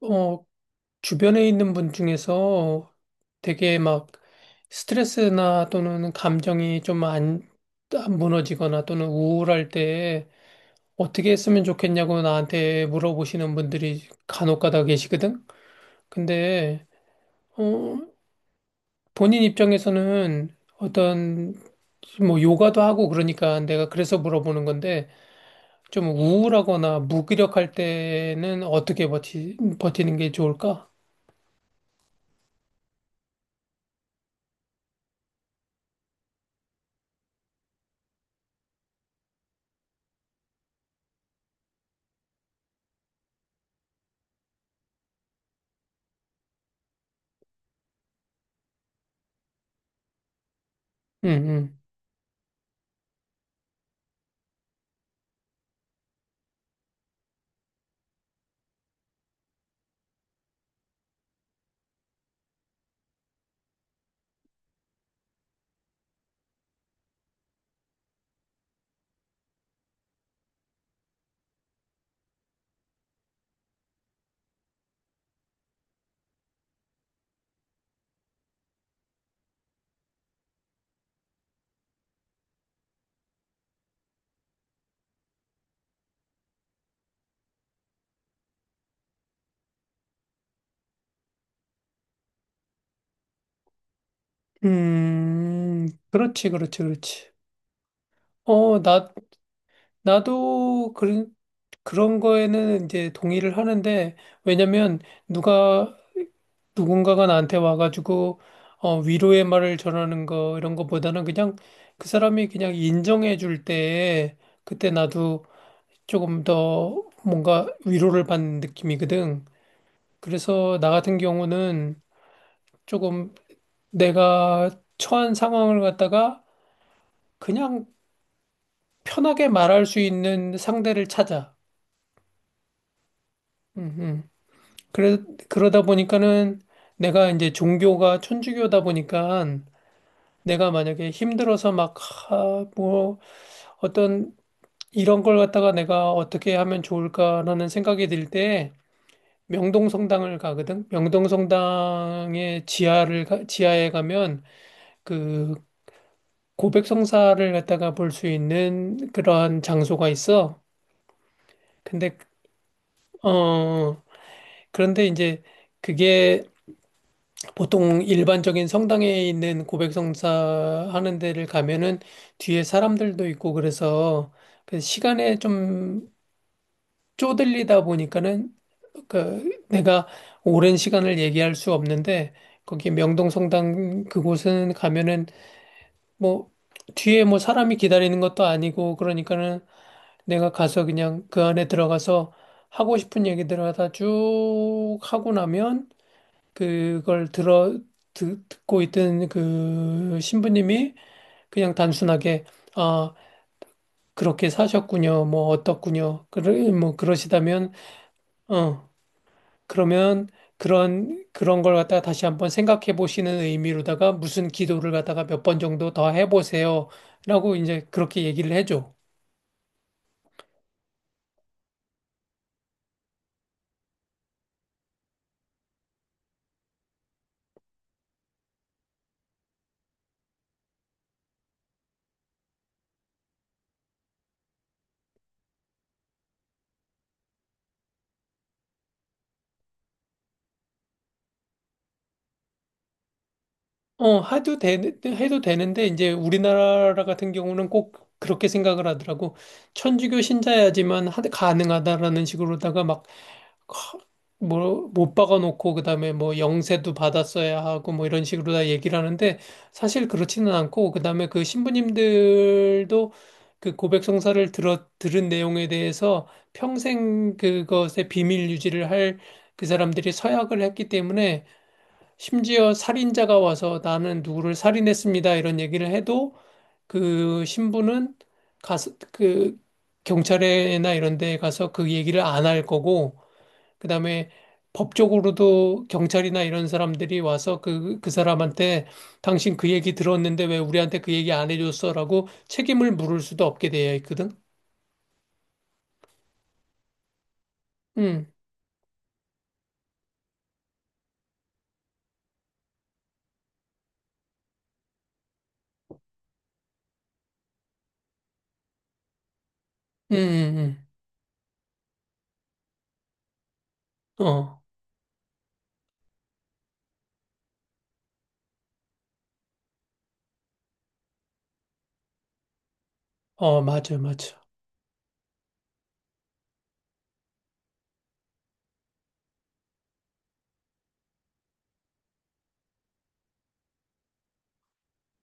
어, 주변에 있는 분 중에서 되게 막 스트레스나 또는 감정이 좀 안 무너지거나 또는 우울할 때 어떻게 했으면 좋겠냐고 나한테 물어보시는 분들이 간혹 가다 계시거든? 근데, 어, 본인 입장에서는 어떤 뭐 요가도 하고 그러니까 내가 그래서 물어보는 건데 좀 우울하거나 무기력할 때는 어떻게 버티는 게 좋을까? 응, 응. 그렇지, 그렇지, 그렇지. 어, 나, 나도 그런 거에는 이제 동의를 하는데, 왜냐면 누가, 누군가가 나한테 와가지고, 위로의 말을 전하는 거, 이런 거보다는 그냥 그 사람이 그냥 인정해 줄 때, 그때 나도 조금 더 뭔가 위로를 받는 느낌이거든. 그래서 나 같은 경우는 조금 내가 처한 상황을 갖다가 그냥 편하게 말할 수 있는 상대를 찾아. 음, 음. 그래, 그러다 보니까는 내가 이제 종교가 천주교다 보니까 내가 만약에 힘들어서 막, 아, 뭐, 어떤 이런 걸 갖다가 내가 어떻게 하면 좋을까라는 생각이 들 때 명동성당을 가거든. 명동성당의 지하를, 지하에 가면 그 고백성사를 갖다가 볼 수 있는 그러한 장소가 있어. 근데, 어, 그런데 이제 그게 보통 일반적인 성당에 있는 고백성사 하는 데를 가면은 뒤에 사람들도 있고 그래서 그 시간에 좀 쪼들리다 보니까는 그 내가 오랜 시간을 얘기할 수 없는데 거기 명동성당 그곳은 가면은 뭐 뒤에 뭐 사람이 기다리는 것도 아니고 그러니까는 내가 가서 그냥 그 안에 들어가서 하고 싶은 얘기들 하다 쭉 하고 나면 그걸 듣고 있던 그 신부님이 그냥 단순하게 아 그렇게 사셨군요 뭐 어떻군요 그러 뭐 그러시다면 어 그러면 그런 그런 걸 갖다가 다시 한번 생각해 보시는 의미로다가 무슨 기도를 갖다가 몇 번 정도 더 해보세요라고 이제 그렇게 얘기를 해줘. 어, 해도 되는데, 이제 우리나라 같은 경우는 꼭 그렇게 생각을 하더라고. 천주교 신자야지만 가능하다라는 식으로다가 막 뭐, 못 박아놓고, 그 다음에 뭐, 영세도 받았어야 하고, 뭐, 이런 식으로 다 얘기를 하는데, 사실 그렇지는 않고, 그 다음에 그 신부님들도 그 고백 성사를 들은 내용에 대해서 평생 그것의 비밀 유지를 할 그 사람들이 서약을 했기 때문에, 심지어 살인자가 와서 나는 누구를 살인했습니다, 이런 얘기를 해도, 그 신부는 가서, 그 경찰에나 이런 데 가서 그 얘기를 안 할 거고, 그다음에 법적으로도 경찰이나 이런 사람들이 와서 그, 그 사람한테 당신 그 얘기 들었는데 왜 우리한테 그 얘기 안 해줬어라고 책임을 물을 수도 없게 되어 있거든. 응, 응, 응, 응. 어, 어, 맞아, 맞아.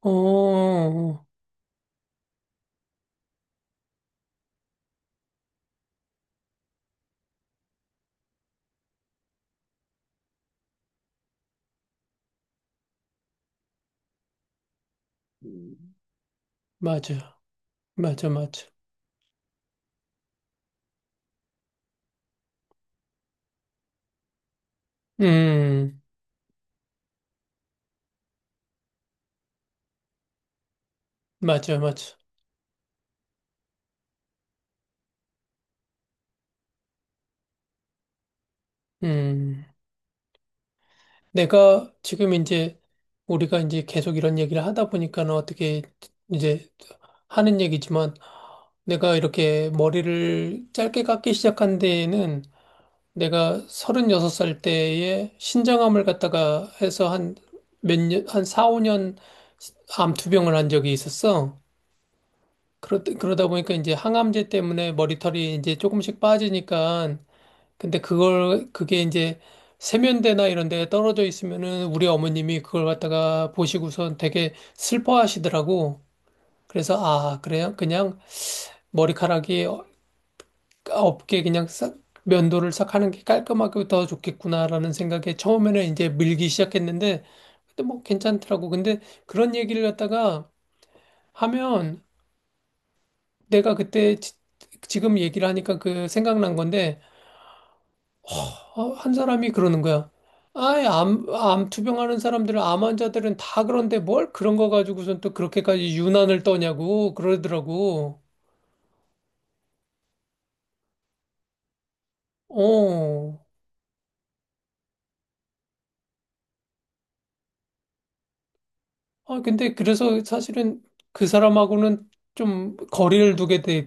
어, 어, 음. 맞아, 맞아, 맞아. 음, 맞아, 맞아. 음. 내가 지금 이제 우리가 이제 계속 이런 얘기를 하다 보니까는 어떻게 이제 하는 얘기지만 내가 이렇게 머리를 짧게 깎기 시작한 데에는 내가 36살 때에 신장암을 갖다가 해서 한 몇 년, 한 4, 5년 암투병을 한 적이 있었어. 그러다 보니까 이제 항암제 때문에 머리털이 이제 조금씩 빠지니까 근데 그걸 그게 이제 세면대나 이런 데 떨어져 있으면은 우리 어머님이 그걸 갖다가 보시고선 되게 슬퍼하시더라고. 그래서 아, 그래요? 그냥 머리카락이 없게 그냥 싹 면도를 싹 하는 게 깔끔하고 더 좋겠구나라는 생각에 처음에는 이제 밀기 시작했는데 근데 뭐 괜찮더라고. 근데 그런 얘기를 갖다가 하면 내가 그때 지, 금 얘기를 하니까 그 생각난 건데 한 사람이 그러는 거야. 아이, 암 투병하는 사람들은 암 환자들은 다 그런데 뭘 그런 거 가지고선 또 그렇게까지 유난을 떠냐고 그러더라고. 어. 아, 근데 그래서 사실은 그 사람하고는 좀 거리를 두게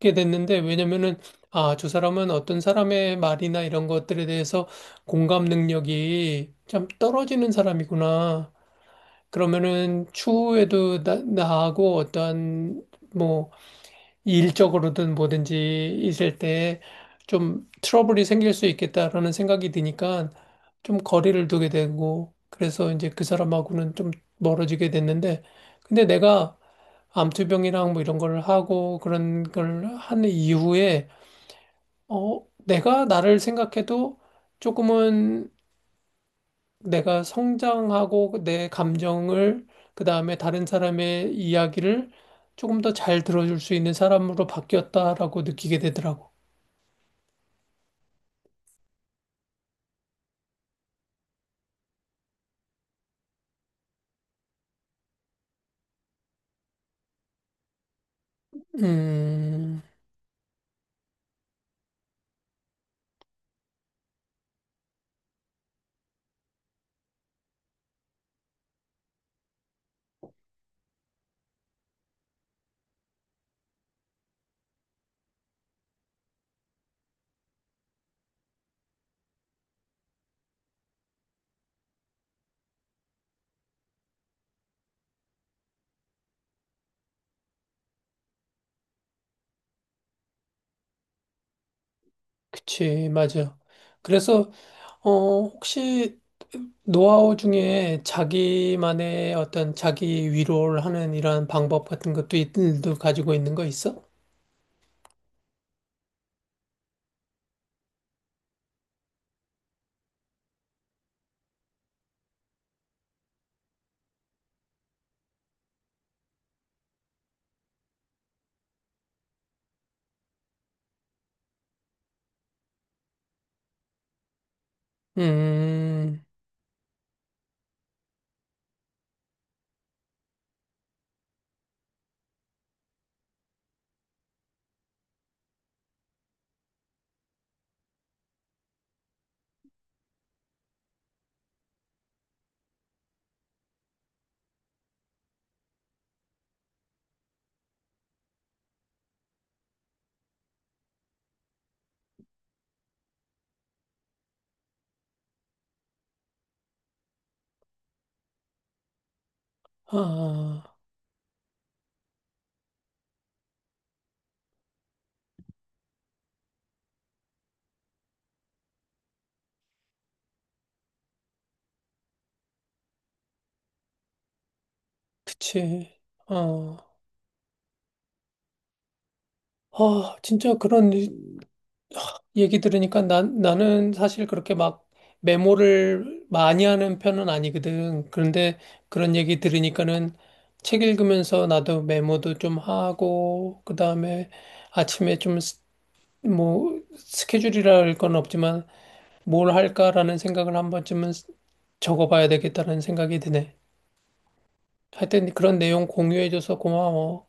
게 됐는데 왜냐면은 아, 저 사람은 어떤 사람의 말이나 이런 것들에 대해서 공감 능력이 참 떨어지는 사람이구나. 그러면은 추후에도 나하고 어떠한 뭐 일적으로든 뭐든지 있을 때 좀 트러블이 생길 수 있겠다라는 생각이 드니까 좀 거리를 두게 되고 그래서 이제 그 사람하고는 좀 멀어지게 됐는데 근데 내가 암투병이랑 뭐 이런 걸 하고 그런 걸 한 이후에 어 내가 나를 생각해도 조금은 내가 성장하고 내 감정을 그다음에 다른 사람의 이야기를 조금 더 잘 들어줄 수 있는 사람으로 바뀌었다라고 느끼게 되더라고. 음, 그치, 맞아. 그래서, 혹시 노하우 중에 자기만의 어떤 자기 위로를 하는 이런 방법 같은 것도 있들도 가지고 있는 거 있어? 음, 아, 그치. 어, 아, 진짜 그런 얘기 들으니까 나는 사실 그렇게 막 메모를 많이 하는 편은 아니거든. 그런데 그런 얘기 들으니까는 책 읽으면서 나도 메모도 좀 하고, 그 다음에 아침에 좀 뭐, 스케줄이라 할 건 없지만 뭘 할까라는 생각을 한 번쯤은 적어봐야 되겠다는 생각이 드네. 하여튼 그런 내용 공유해줘서 고마워.